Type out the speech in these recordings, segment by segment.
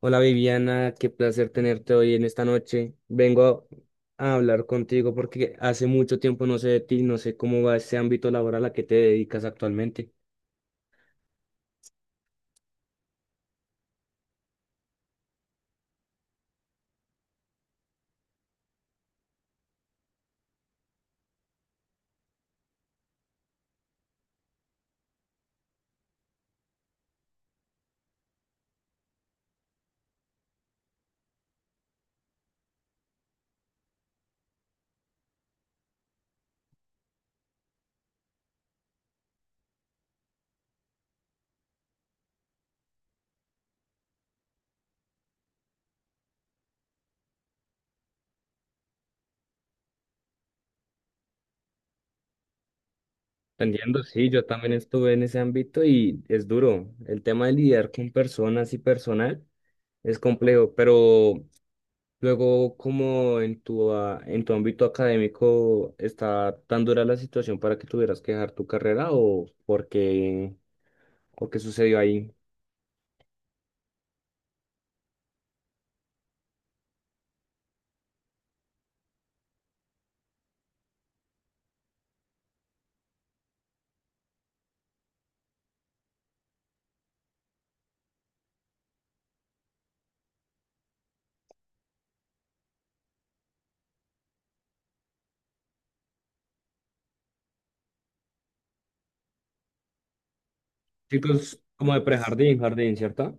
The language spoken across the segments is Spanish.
Hola Viviana, qué placer tenerte hoy en esta noche. Vengo a hablar contigo porque hace mucho tiempo no sé de ti, no sé cómo va ese ámbito laboral a que te dedicas actualmente. Te entiendo, sí, yo también estuve en ese ámbito y es duro. El tema de lidiar con personas y personal es complejo, pero luego como en tu, en tu ámbito académico está tan dura la situación para que tuvieras que dejar tu carrera o por qué, o qué sucedió ahí. Chicos como de prejardín, jardín, ¿cierto?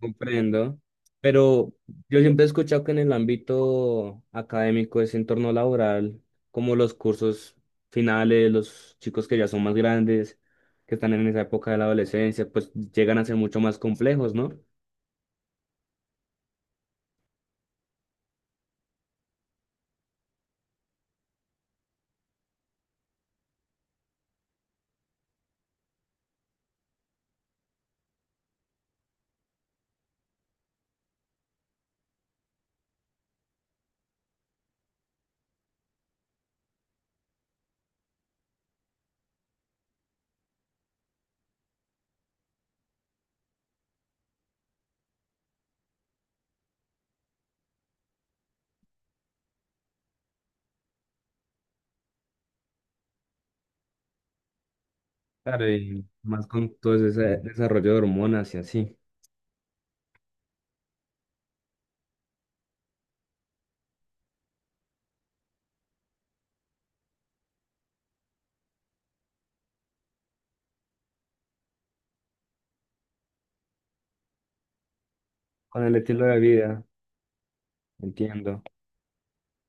Comprendo. Pero yo siempre he escuchado que en el ámbito académico, ese entorno laboral, como los cursos finales, los chicos que ya son más grandes, que están en esa época de la adolescencia, pues llegan a ser mucho más complejos, ¿no? Claro, y más con todo ese desarrollo de hormonas y así. Con el estilo de vida, entiendo.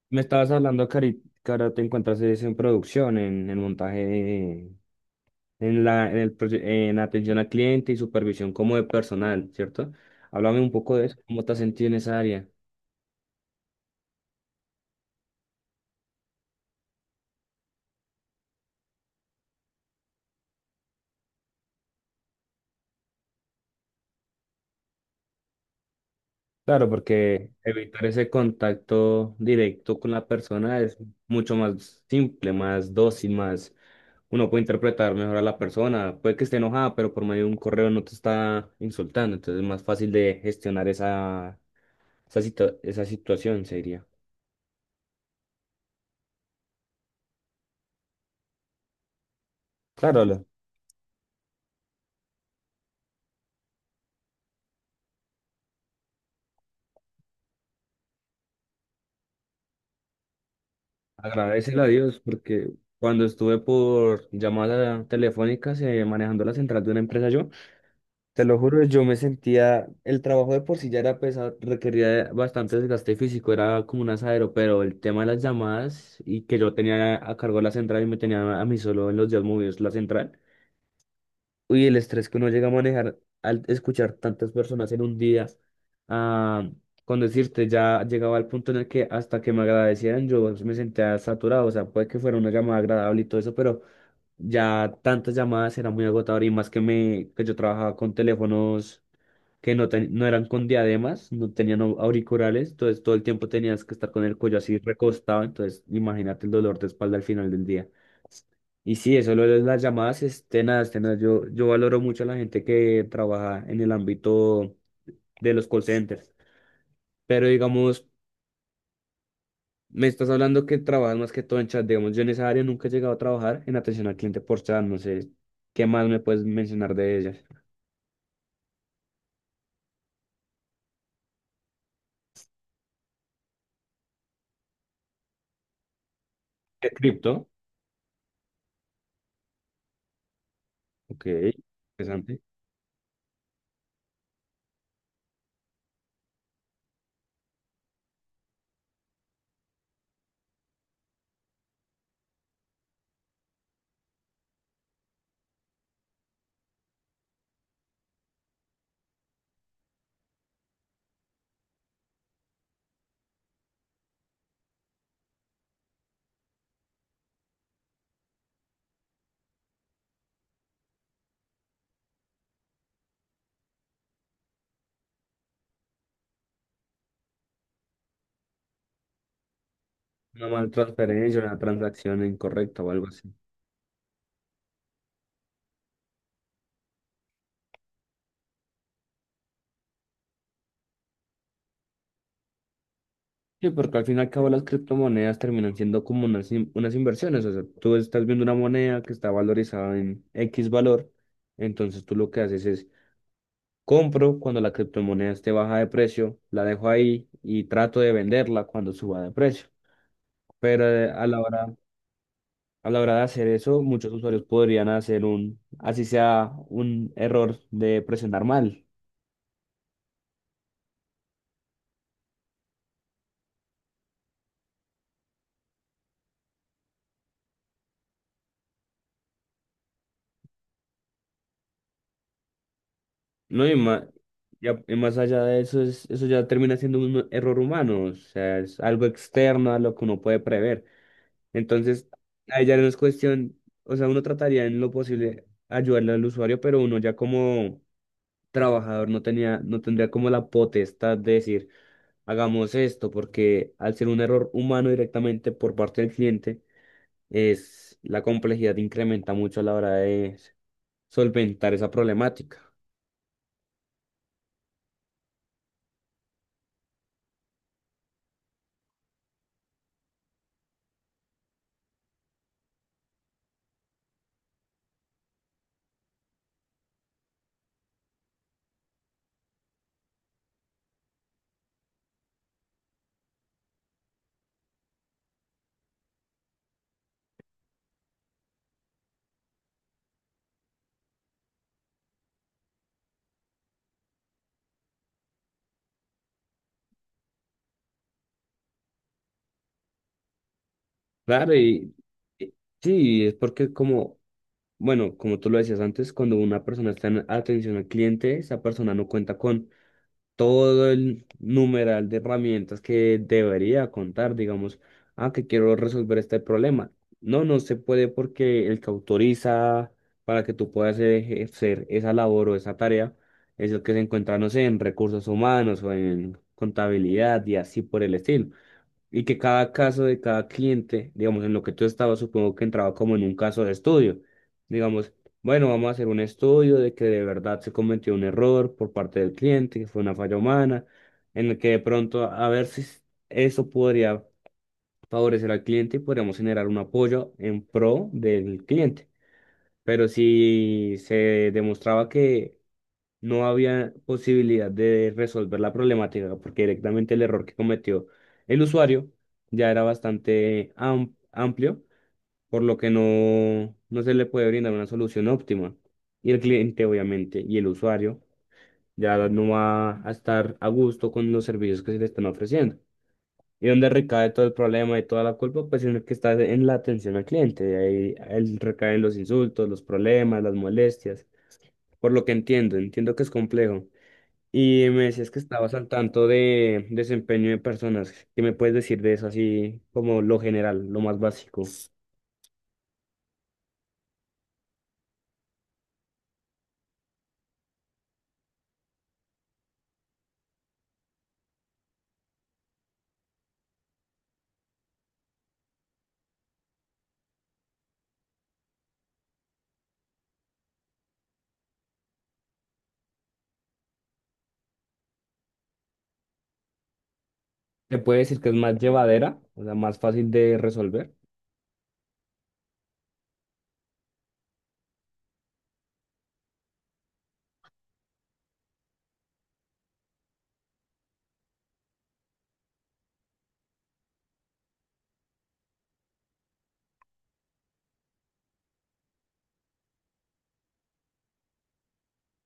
Me estabas hablando, Cari, que ahora te encuentras es en producción, en, el montaje en la, en el, en atención al cliente y supervisión como de personal, ¿cierto? Háblame un poco de eso, ¿cómo te has sentido en esa área? Claro, porque evitar ese contacto directo con la persona es mucho más simple, más dócil, más... Uno puede interpretar mejor a la persona, puede que esté enojada, pero por medio de un correo no te está insultando, entonces es más fácil de gestionar esa, esa, esa situación, se diría. Claro. Agradecerle a Dios porque cuando estuve por llamada telefónicas manejando la central de una empresa yo, te lo juro, yo me sentía, el trabajo de por sí ya era pesado, requería de bastante desgaste físico, era como un asadero, pero el tema de las llamadas y que yo tenía a cargo la central y me tenía a mí solo en los días movidos la central. Uy, el estrés que uno llega a manejar al escuchar tantas personas en un día, ah, con decirte, ya llegaba al punto en el que hasta que me agradecieran yo me sentía saturado, o sea, puede que fuera una llamada agradable y todo eso, pero ya tantas llamadas era muy agotador y más que me, que yo trabajaba con teléfonos que no, no eran con diademas, no tenían auriculares, entonces todo el tiempo tenías que estar con el cuello así recostado, entonces imagínate el dolor de espalda al final del día. Y sí, eso lo de las llamadas, este, nada, yo, valoro mucho a la gente que trabaja en el ámbito de los call centers, pero digamos, me estás hablando que trabajas más que todo en chat, digamos, yo en esa área nunca he llegado a trabajar en atención al cliente por chat, no sé, ¿qué más me puedes mencionar de ellas? ¿De cripto? Ok, interesante. Una mal transferencia, una transacción incorrecta o algo así. Sí, porque al fin y al cabo las criptomonedas terminan siendo como unas, unas inversiones. O sea, tú estás viendo una moneda que está valorizada en X valor, entonces tú lo que haces es compro cuando la criptomoneda esté baja de precio, la dejo ahí y trato de venderla cuando suba de precio. Pero a la hora de hacer eso, muchos usuarios podrían hacer un, así sea un error de presionar mal. No, y más, ya, y más allá de eso, eso ya termina siendo un error humano, o sea, es algo externo a lo que uno puede prever. Entonces, ahí ya no es cuestión, o sea, uno trataría en lo posible ayudarle al usuario, pero uno ya como trabajador no tenía, no tendría como la potestad de decir, hagamos esto, porque al ser un error humano directamente por parte del cliente, es la complejidad incrementa mucho a la hora de solventar esa problemática. Claro, y- sí, es porque como, bueno, como tú lo decías antes, cuando una persona está en atención al cliente, esa persona no cuenta con todo el numeral de herramientas que debería contar, digamos, ah, que quiero resolver este problema. No, no se puede porque el que autoriza para que tú puedas ejercer esa labor o esa tarea es el que se encuentra, no sé, en recursos humanos o en contabilidad y así por el estilo y que cada caso de cada cliente, digamos, en lo que tú estabas, supongo que entraba como en un caso de estudio. Digamos, bueno, vamos a hacer un estudio de que de verdad se cometió un error por parte del cliente, que fue una falla humana, en el que de pronto a ver si s- eso podría favorecer al cliente y podríamos generar un apoyo en pro del cliente. Pero si se demostraba que no había posibilidad de resolver la problemática porque directamente el error que cometió el usuario ya era bastante amplio, por lo que no, no se le puede brindar una solución óptima. Y el cliente, obviamente, y el usuario ya no va a estar a gusto con los servicios que se le están ofreciendo. Y donde recae todo el problema y toda la culpa, pues en el que está en la atención al cliente. De ahí él recae en los insultos, los problemas, las molestias. Por lo que entiendo, entiendo que es complejo. Y me decías que estabas al tanto de desempeño de personas. ¿Qué me puedes decir de eso así como lo general, lo más básico? ¿Te puede decir que es más llevadera, o sea, más fácil de resolver?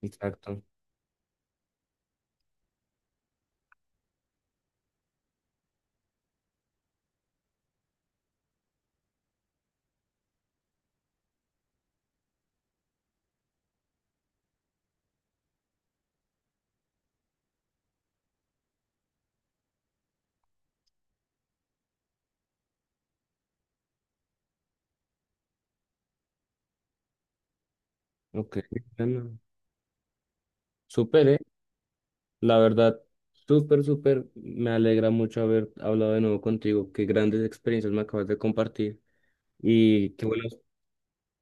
Exacto. Ok. Bueno, súper, La verdad, súper, súper. Me alegra mucho haber hablado de nuevo contigo. Qué grandes experiencias me acabas de compartir. Y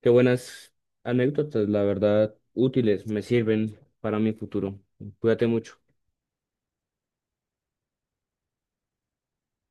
qué buenas anécdotas, la verdad, útiles, me sirven para mi futuro. Cuídate mucho.